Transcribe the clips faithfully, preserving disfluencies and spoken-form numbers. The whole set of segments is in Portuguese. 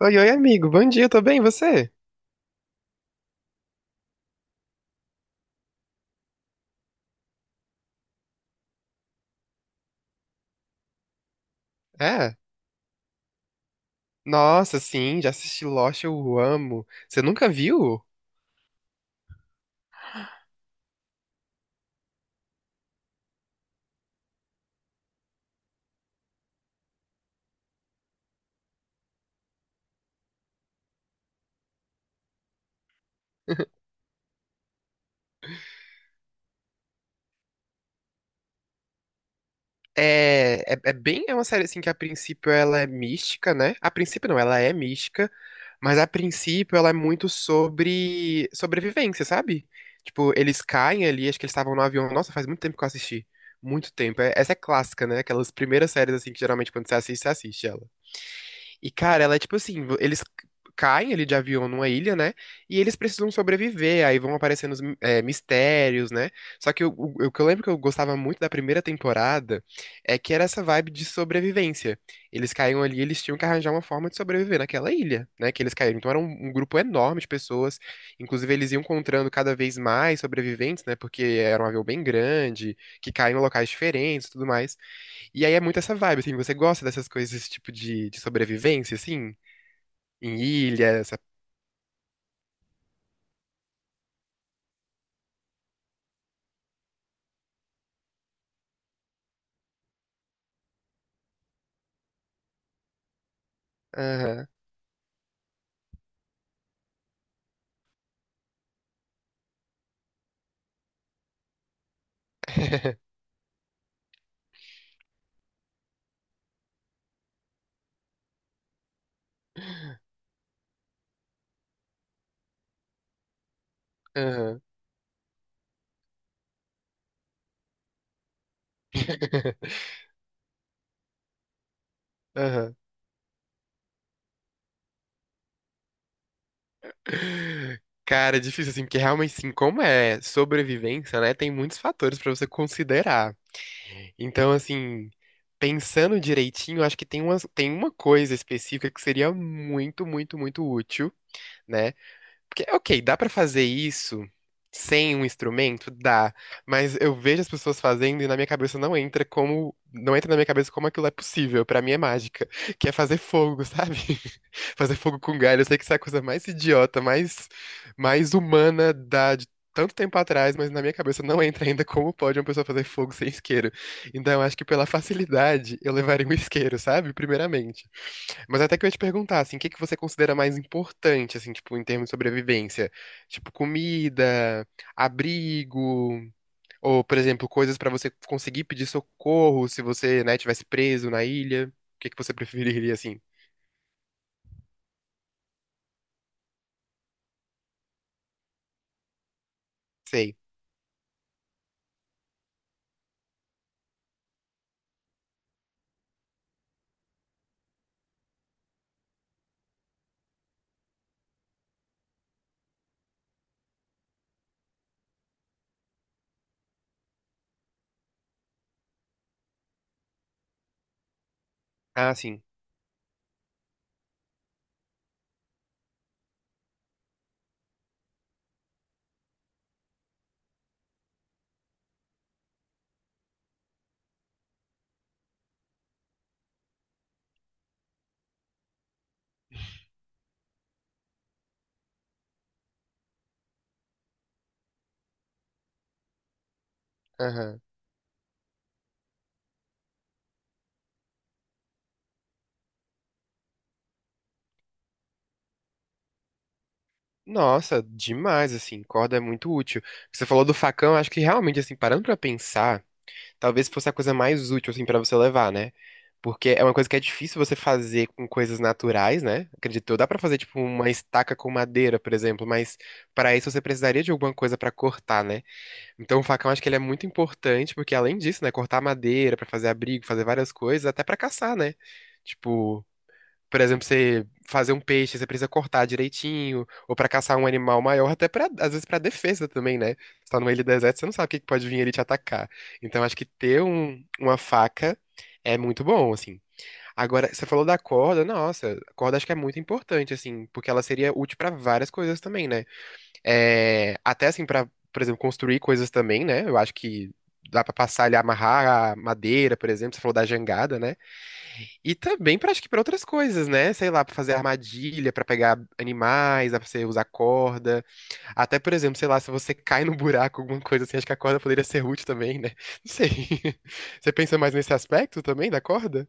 Oi, oi, amigo. Bom dia, tô bem, e você? É? Nossa, sim, já assisti Lost, eu amo. Você nunca viu? É, é, é bem, é uma série assim que a princípio ela é mística, né? A princípio não, ela é mística, mas a princípio ela é muito sobre sobrevivência, sabe? Tipo, eles caem ali, acho que eles estavam no avião. Nossa, faz muito tempo que eu assisti. Muito tempo. É- Essa é clássica, né? Aquelas primeiras séries assim que geralmente quando você assiste, você assiste ela. E, cara, ela é tipo assim, eles caem ali de avião numa ilha, né? E eles precisam sobreviver, aí vão aparecendo os é, mistérios, né? Só que o, o- o que eu lembro que eu gostava muito da primeira temporada é que era essa vibe de sobrevivência. Eles caíam ali, eles tinham que arranjar uma forma de sobreviver naquela ilha, né? Que eles caíram. Então era um, um grupo enorme de pessoas, inclusive eles iam encontrando cada vez mais sobreviventes, né? Porque era um avião bem grande, que caía em locais diferentes e tudo mais. E aí é muito essa vibe, assim, você gosta dessas coisas, esse tipo de, de sobrevivência, assim? Em ilha, essa... Aham. Aham. Aham. Cara, é difícil, assim, porque realmente, assim, como é sobrevivência, né, tem muitos fatores pra você considerar. Então, assim, pensando direitinho, acho que tem uma, tem uma coisa específica que seria muito, muito, muito útil, né? Porque, ok, dá pra fazer isso sem um instrumento? Dá. Mas eu vejo as pessoas fazendo e na minha cabeça não entra como. Não entra na minha cabeça como aquilo é possível. Pra mim é mágica. Que é fazer fogo, sabe? Fazer fogo com galho. Eu sei que isso é a coisa mais idiota, mais, mais humana da. De Tanto tempo atrás, mas na minha cabeça não entra ainda como pode uma pessoa fazer fogo sem isqueiro. Então, eu acho que pela facilidade, eu levaria um isqueiro, sabe? Primeiramente. Mas até que eu ia te perguntar, assim, o que que você considera mais importante, assim, tipo, em termos de sobrevivência? Tipo, comida, abrigo, ou, por exemplo, coisas pra você conseguir pedir socorro se você, né, tivesse preso na ilha. O que que você preferiria, assim? Sei. Ah, sim. Aham. Nossa, demais, assim, corda é muito útil. Você falou do facão, acho que realmente, assim, parando pra pensar, talvez fosse a coisa mais útil, assim, pra você levar, né? Porque é uma coisa que é difícil você fazer com coisas naturais, né? Acredito eu. Dá pra fazer, tipo, uma estaca com madeira, por exemplo, mas pra isso você precisaria de alguma coisa pra cortar, né? Então o facão acho que ele é muito importante, porque além disso, né, cortar madeira pra fazer abrigo, fazer várias coisas, até pra caçar, né? Tipo, por exemplo, você fazer um peixe, você precisa cortar direitinho, ou pra caçar um animal maior, até pra, às vezes pra defesa também, né? Você tá no meio do deserto, você não sabe o que que pode vir ali te atacar. Então, acho que ter um- uma faca é muito bom, assim. Agora, você falou da corda, nossa, a corda acho que é muito importante, assim, porque ela seria útil pra várias coisas também, né? É, até assim, pra, por exemplo, construir coisas também, né? Eu acho que dá pra passar ali, amarrar a madeira, por exemplo, você falou da jangada, né? E também pra, acho que pra outras coisas, né? Sei lá, pra fazer armadilha, pra pegar animais, dá pra você usar corda. Até, por exemplo, sei lá, se você cai no buraco, alguma coisa assim, acho que a corda poderia ser útil também, né? Não sei. Você pensa mais nesse aspecto também da corda?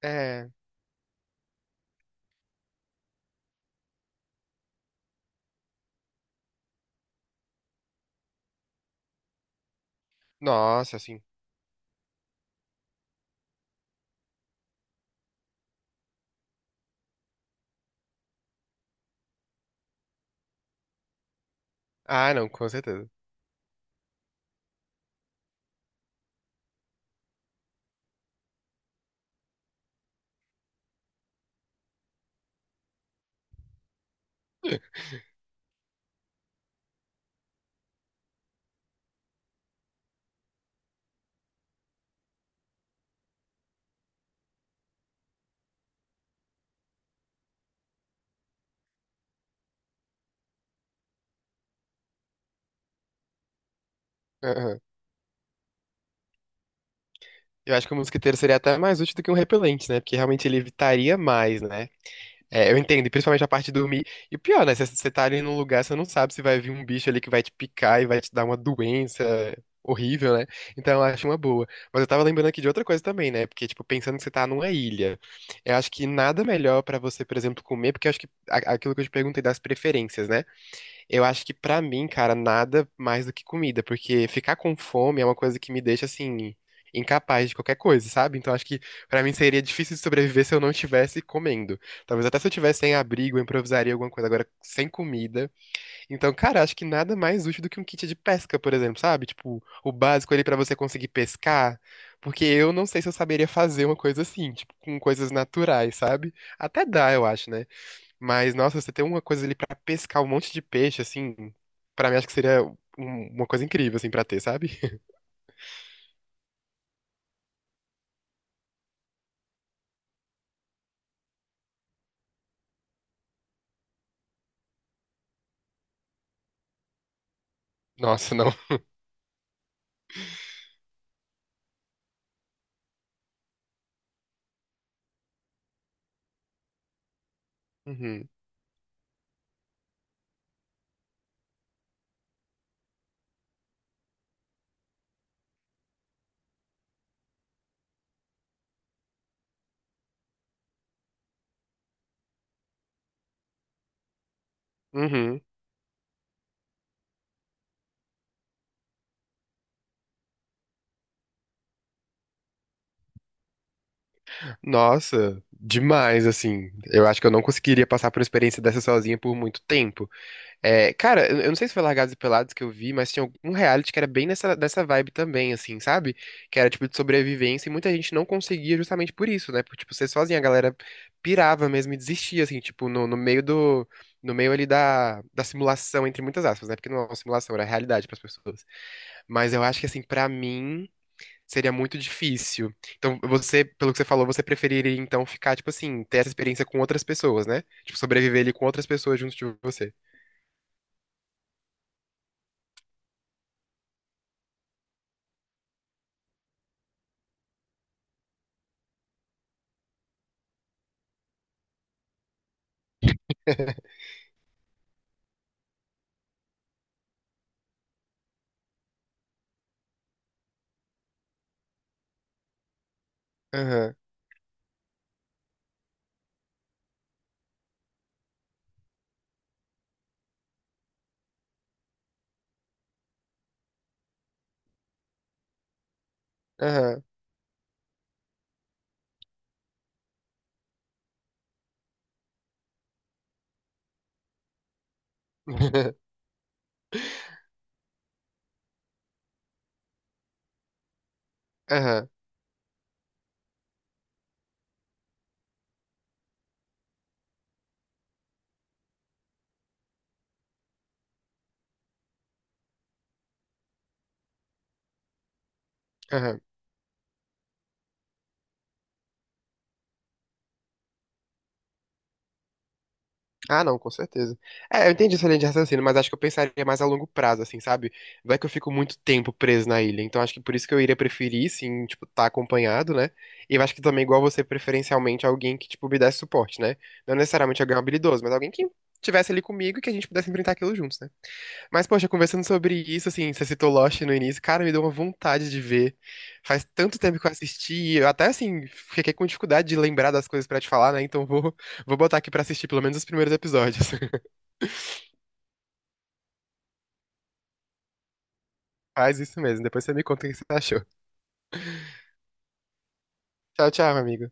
É. Nossa, assim. Ah, não, com certeza. Aham. Eu acho que o mosquiteiro seria até mais útil do que um repelente, né? Porque realmente ele evitaria mais, né? É, eu entendo, e principalmente a parte de dormir. E o pior, né? Você você tá ali num lugar, você não sabe se vai vir um bicho ali que vai te picar e vai te dar uma doença horrível, né? Então eu acho uma boa. Mas eu tava lembrando aqui de outra coisa também, né? Porque, tipo, pensando que você tá numa ilha, eu acho que nada melhor pra você, por exemplo, comer, porque eu acho que a- aquilo que eu te perguntei das preferências, né? Eu acho que pra mim, cara, nada mais do que comida, porque ficar com fome é uma coisa que me deixa assim incapaz de qualquer coisa, sabe? Então acho que pra mim seria difícil de sobreviver se eu não estivesse comendo. Talvez até se eu tivesse sem abrigo, eu improvisaria alguma coisa agora sem comida. Então, cara, acho que nada mais útil do que um kit de pesca, por exemplo, sabe? Tipo, o básico ali pra você conseguir pescar, porque eu não sei se eu saberia fazer uma coisa assim, tipo, com coisas naturais, sabe? Até dá, eu acho, né? Mas, nossa, você tem uma coisa ali pra pescar um monte de peixe, assim, pra mim acho que seria um- uma coisa incrível, assim, pra ter, sabe? Nossa, não. Uhum. Uhum. Nossa, demais, assim. Eu acho que eu não conseguiria passar por uma experiência dessa sozinha por muito tempo. É, cara, eu eu não sei se foi Largados e Pelados que eu vi, mas tinha algum reality que era bem nessa, nessa vibe também, assim, sabe? Que era tipo de sobrevivência e muita gente não conseguia justamente por isso, né? Por, tipo, ser sozinha, a galera pirava mesmo e desistia, assim, tipo, no, no meio do. No meio ali da, da simulação, entre muitas aspas, né? Porque não é uma simulação, era realidade para as pessoas. Mas eu acho que, assim, pra mim, seria muito difícil. Então, você, pelo que você falou, você preferiria então ficar, tipo assim, ter essa experiência com outras pessoas, né? Tipo, sobreviver ali com outras pessoas junto de você. Aham. Aham. Aham. Ah, não, com certeza. É, eu entendi essa linha de raciocínio, mas acho que eu pensaria mais a longo prazo, assim, sabe? Vai que eu fico muito tempo preso na ilha, então acho que por isso que eu iria preferir, sim, tipo, estar acompanhado, né? E eu acho que também, igual você, preferencialmente, alguém que, tipo, me desse suporte, né? Não necessariamente alguém habilidoso, mas alguém que estivesse ali comigo e que a gente pudesse enfrentar aquilo juntos, né? Mas, poxa, conversando sobre isso, assim, você citou Lost no início, cara, me deu uma vontade de ver. Faz tanto tempo que eu assisti, e eu até, assim, fiquei com dificuldade de lembrar das coisas pra te falar, né? Então vou, vou botar aqui pra assistir pelo menos os primeiros episódios. Faz isso mesmo, depois você me conta o que você achou. Tchau, tchau, amigo.